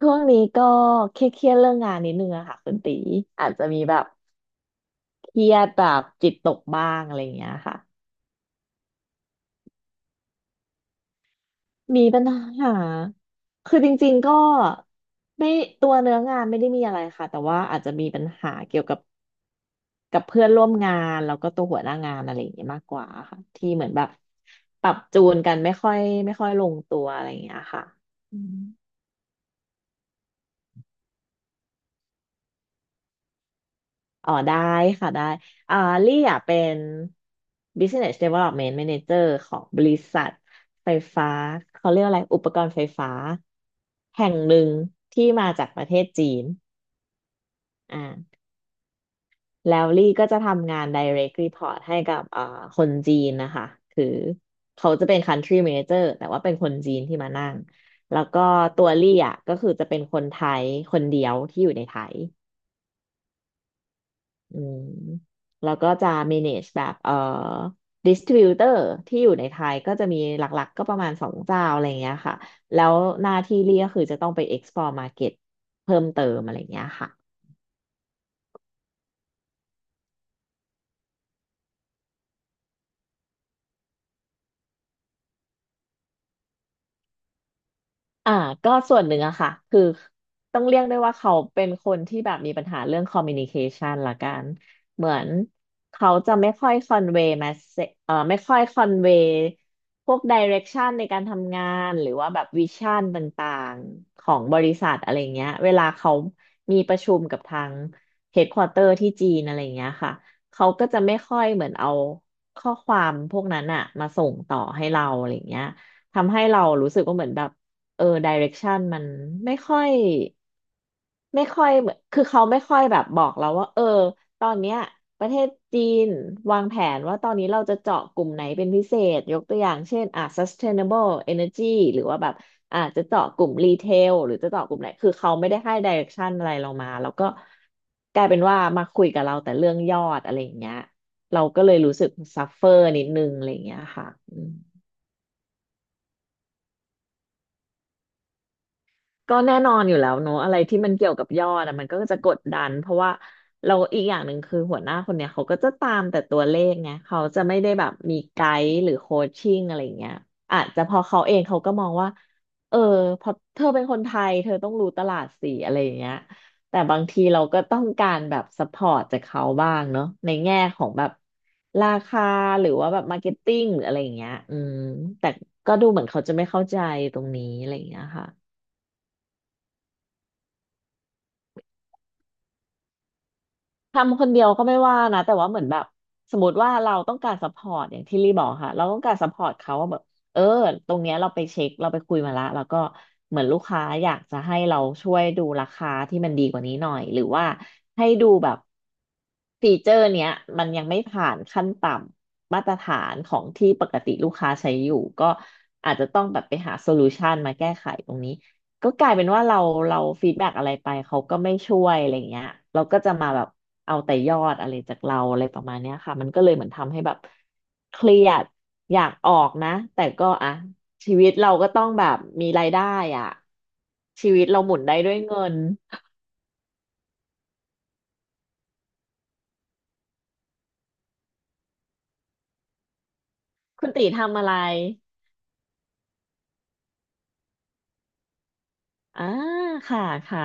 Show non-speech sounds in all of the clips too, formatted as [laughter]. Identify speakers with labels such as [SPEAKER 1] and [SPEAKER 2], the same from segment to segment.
[SPEAKER 1] ช่วงนี้ก็เครียดๆเรื่องงานนิดนึงอะค่ะคุณตีอาจจะมีแบบเครียดแบบจิตตกบ้างอะไรอย่างเงี้ยค่ะมีปัญหาคือจริงๆก็ไม่ตัวเนื้องานไม่ได้มีอะไรค่ะแต่ว่าอาจจะมีปัญหาเกี่ยวกับเพื่อนร่วมงานแล้วก็ตัวหัวหน้างานอะไรอย่างเงี้ยมากกว่าค่ะที่เหมือนแบบปรับจูนกันไม่ค่อยลงตัวอะไรอย่างเงี้ยค่ะอืม อ๋อได้ค่ะได้อ่าลี่อ่ะเป็น Business Development Manager ของบริษัทไฟฟ้าเขาเรียกอะไรอุปกรณ์ไฟฟ้าแห่งหนึ่งที่มาจากประเทศจีนอ่าแล้วลี่ก็จะทำงาน Direct Report ให้กับคนจีนนะคะคือเขาจะเป็น Country Manager แต่ว่าเป็นคนจีนที่มานั่งแล้วก็ตัวลี่อ่ะก็คือจะเป็นคนไทยคนเดียวที่อยู่ในไทย อืมแล้วก็จะ manage แบบdistributor ที่อยู่ในไทยก็จะมีหลักๆ ก็ประมาณสองเจ้าอะไรอย่างเงี้ยค่ะ แล้วหน้าที่เรียกคือจะต้องไป export market เพิ่มเติมอะไรอย่างเงี้ยค่ะ อ่าก็ส่วนหนึ่งอะค่ะคือต้องเรียกได้ว่าเขาเป็นคนที่แบบมีปัญหาเรื่องคอมมิวนิเคชันละกันเหมือนเขาจะไม่ค่อยคอนเวย์มาเซเอ่อไม่ค่อยคอนเวย์พวกดิเรกชันในการทำงานหรือว่าแบบวิชั่นต่างๆของบริษัทอะไรเงี้ยเวลาเขามีประชุมกับทางเฮดควอเตอร์ที่จีนอะไรเงี้ยค่ะเขาก็จะไม่ค่อยเหมือนเอาข้อความพวกนั้นอะมาส่งต่อให้เราอะไรเงี้ยทำให้เรารู้สึกว่าเหมือนแบบ เออดิเรกชันมันไม่ค่อยเหมือนคือเขาไม่ค่อยแบบบอกเราว่าเออตอนเนี้ยประเทศจีนวางแผนว่าตอนนี้เราจะเจาะกลุ่มไหนเป็นพิเศษยกตัวอย่างเช่นอ่ะ sustainable energy หรือว่าแบบอ่ะจะเจาะกลุ่มรีเทลหรือจะเจาะกลุ่มไหนคือเขาไม่ได้ให้ดิเรกชันอะไรเรามาแล้วก็กลายเป็นว่ามาคุยกับเราแต่เรื่องยอดอะไรอย่างเงี้ยเราก็เลยรู้สึกซัฟเฟอร์นิดนึงอะไรอย่างเงี้ยค่ะอืม ก็แน่นอนอยู่แล้วเนอะอะไรที่มันเกี่ยวกับยอดอะมันก็จะกดดันเพราะว่าเราอีกอย่างหนึ่งคือหัวหน้าคนเนี้ยเขาก็จะตามแต่ตัวเลขไงเขาจะไม่ได้แบบมีไกด์หรือโคชชิ่งอะไรอย่างเงี้ยอาจจะพอเขาเองเขาก็มองว่าเออพอเธอเป็นคนไทยเธอต้องรู้ตลาดสิอะไรอย่างเงี้ยแต่บางทีเราก็ต้องการแบบซัพพอร์ตจากเขาบ้างเนอะในแง่ของแบบราคาหรือว่าแบบมาร์เก็ตติ้งหรืออะไรอย่างเงี้ยอืมแต่ก็ดูเหมือนเขาจะไม่เข้าใจตรงนี้อะไรอย่างเงี้ยค่ะ ทำคนเดียวก็ไม่ว่านะแต่ว่าเหมือนแบบสมมติว่าเราต้องการซัพพอร์ตอย่างที่ลี่บอกค่ะเราต้องการซัพพอร์ตเขาว่าแบบเออตรงเนี้ยเราไปเช็คเราไปคุยมาละแล้วก็เหมือนลูกค้าอยากจะให้เราช่วยดูราคาที่มันดีกว่านี้หน่อยหรือว่าให้ดูแบบฟีเจอร์เนี้ยมันยังไม่ผ่านขั้นต่ำมาตรฐานของที่ปกติลูกค้าใช้อยู่ก็อาจจะต้องแบบไปหาโซลูชันมาแก้ไขตรงนี้ ก็กลายเป็นว่าเราฟีดแบ็กอะไรไปเขาก็ไม่ช่วยอะไรเงี้ยเราก็จะมาแบบเอาแต่ยอดอะไรจากเราอะไรประมาณเนี้ยค่ะมันก็เลยเหมือนทำให้แบบเครียดอยากออกนะแต่ก็อ่ะชีวิตเราก็ต้องแบบมีรายได้อ่ะชีวิตเราหมุนได้ด้วยเงินคุณตีทำอะไรอ่าค่ะค่ะ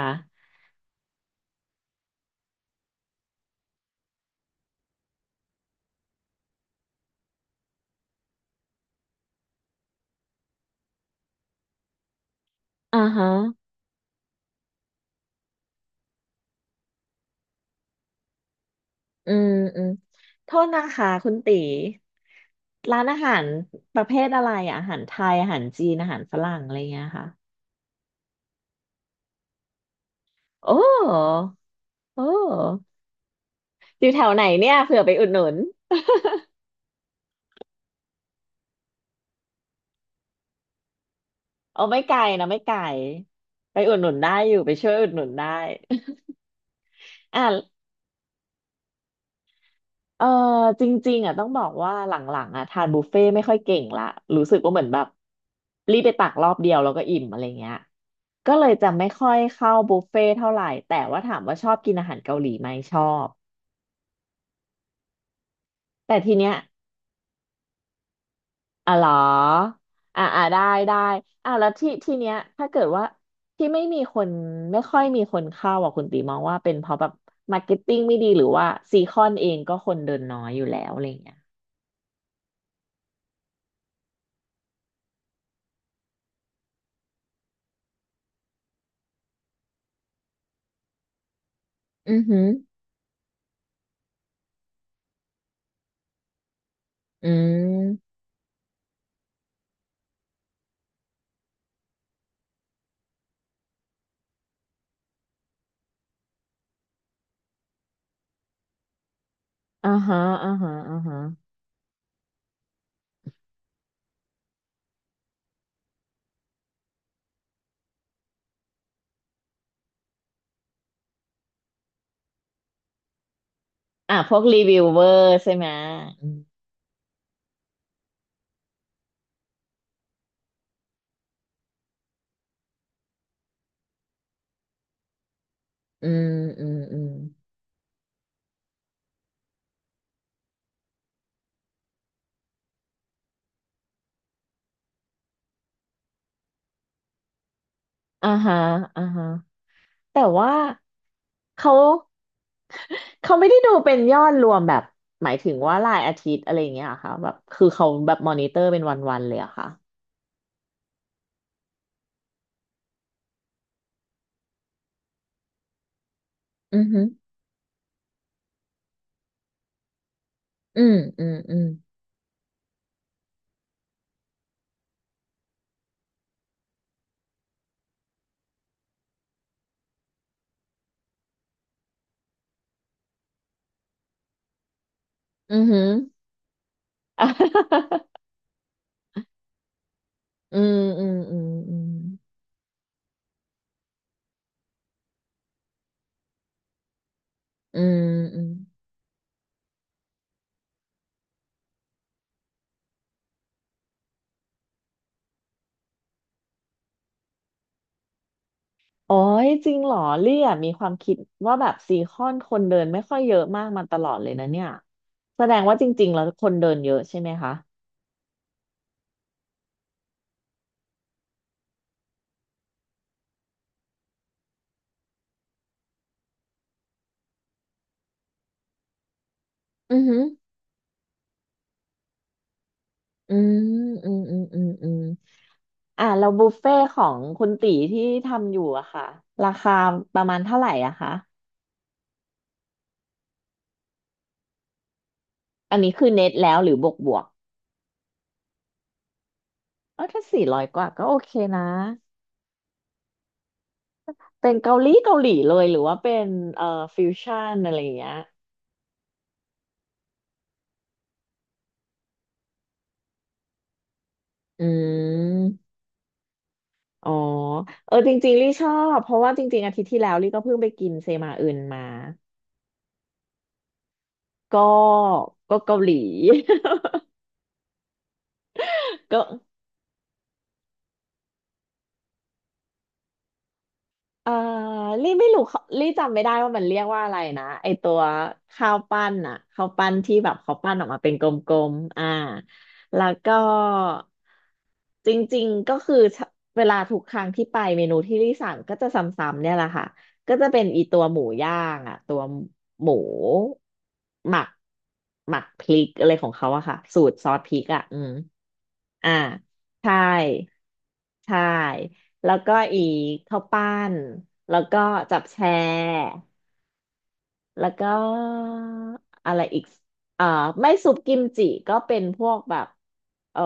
[SPEAKER 1] อ่าฮะอืมอืมโทษนะคะคุณตีร้านอาหารประเภทอะไรอะอาหารไทยอาหารจีนอาหารฝรั่งอะไรเงี้ยค่ะ โอ้โอ้อยู่แถวไหนเนี่ยเผื่อไปอุดหนุนเอาไม่ไกลนะไม่ไกลไปอุดหนุนได้อยู่ไปช่วยอุดหนุนได้ [laughs] อ่ะเออจริงๆอ่ะต้องบอกว่าหลังๆอ่ะทานบุฟเฟ่ต์ไม่ค่อยเก่งละรู้สึกว่าเหมือนแบบรีบไปตักรอบเดียวแล้วก็อิ่มอะไรเงี้ยก็เลยจะไม่ค่อยเข้าบุฟเฟ่ต์เท่าไหร่แต่ว่าถามว่าชอบกินอาหารเกาหลีไหมชอบแต่ทีเนี้ย อ่ะเหรออ่าอ่าได้ได้แล้วที่เนี้ยถ้าเกิดว่าที่ไม่มีคนไม่ค่อยมีคนเข้าอ่ะคุณตีมองว่าเป็นเพราะแบบมาร์เก็ตติ้งไม่ดีหรือว่าซีคอนเองก็คนเดินน้อยอยู่แล้วอะไรเงี้ยอือหืออืมอ่าฮะอ่าฮะอ่าฮะอ่ะพวกรีวิวเวอร์ใช่ไหมอืมอืมอืมอืมอ่าฮะอ่าฮะ แต่ว่าเขา [laughs] เขาไม่ได้ดูเป็นยอดรวมแบบหมายถึงว่ารายอาทิตย์อะไรอย่างเงี้ยเหรอค่ะแบบคือเขาแบบมอนิเตอร์เป็นวันๆเลยเหรอะค่ะอือหืออืมอืมอืมอือหือ [laughs] อืมอืมอืมอืมอืมอืมโอ้ยจริงเหรอเลี่ยมีความคิดว่าแบบซีคอนคนเดินไม่ค่อยเยอะมากมาตลอดเลยนะเนี่ยแสดงว่าจริงๆแล้วคนเดินเยอะใช่ไหมคะอือหืออืมอืมอืมอืมอืม อ่ะแล้วบุฟเฟ่ของคุณตีที่ทำอยู่อะค่ะราคาประมาณเท่าไหร่อะคะอันนี้คือเน็ตแล้วหรือบวกเออถ้าสี่ร้อยกว่าก็โอเคนะเป็นเกาหลีเกาหลีเลยหรือว่าเป็นเอ่อฟิวชั่นอะไรอย่างเงี้ยอืมอ๋อเออจริงๆลี่ชอบเพราะว่าจริงๆอาทิตย์ที่แล้วลี่ก็เพิ่งไปกินเซมาอึนมาก็ก็เกาหลี [laughs] ก็ เอ่อลี่ไม่รู้เขาลี่จำไม่ได้ว่ามันเรียกว่าอะไรนะไอตัวข้าวปั้นที่แบบเขาปั้นออกมาเป็นกลมๆอ่าแล้วก็จริงๆก็คือเวลาทุกครั้งที่ไปเมนูที่ลี่สั่งก็จะซ้ำๆเนี่ยแหละค่ะก็จะเป็นอีตัวหมูย่างอะตัวหมูหมักพริกอะไรของเขาอะค่ะสูตรซอสพริกอะอืมอ่าใช่ใช่ แล้วก็อีกข้าวปั้น แล้วก็จับแชร์แล้วก็อะไรอีกเอ่อไม่ซุปกิมจิก็เป็นพวกแบบเอ่อ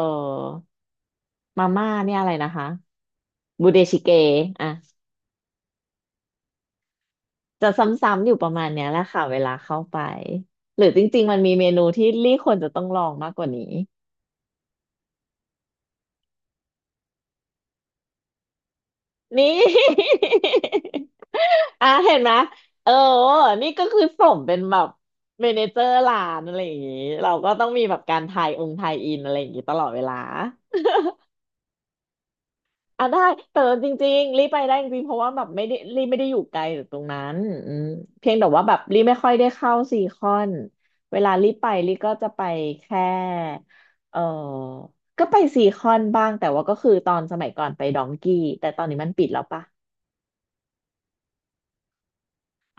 [SPEAKER 1] มาม่าเนี่ยอะไรนะคะบูเดชิเกอ่ะจะซ้ำๆอยู่ประมาณเนี้ยแหละค่ะเวลาเข้าไปหรือจริงๆมันมีเมนูที่ลี่ควรจะต้องลองมากกว่านี้นี่ [laughs] อ่ะเห็นไหมเออนี่ก็คือสมเป็นแบบเมเนเจอร์ร้านอะไรอย่างงี้เราก็ต้องมีแบบการทายองค์ทายอินอะไรอย่างงี้ตลอดเวลาอ่ะได้แต่จริงๆรีบไปได้จริงๆเพราะว่าแบบไม่ได้อยู่ไกลจากตรงนั้นอืมเพียงแต่ว่าแบบรีบไม่ค่อยได้เข้าซีคอนเวลารีบไปรีบก็จะไปแค่เออก็ไปซีคอนบ้างแต่ว่าก็คือตอนสมัยก่อนไปดองกี้แต่ตอนนี้มันปิดแล้วปะ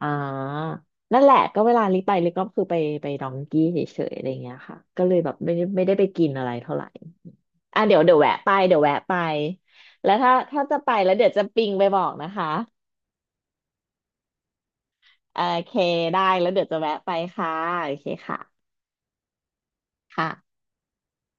[SPEAKER 1] อ่านั่นแหละก็เวลาลิไปลิก็คือไปดองกี้เฉยๆอะไรเงี้ยค่ะก็เลยแบบไม่ได้ไปกินอะไรเท่าไหร่อ่ะเดี๋ยวแวะไป แล้วถ้าจะไปแล้วเดี๋ยวจะปิงไปบอกนะคะโอเคได้แล้วเดี๋ยวจะแวะไปค่ะโอเคค่ะค่ะ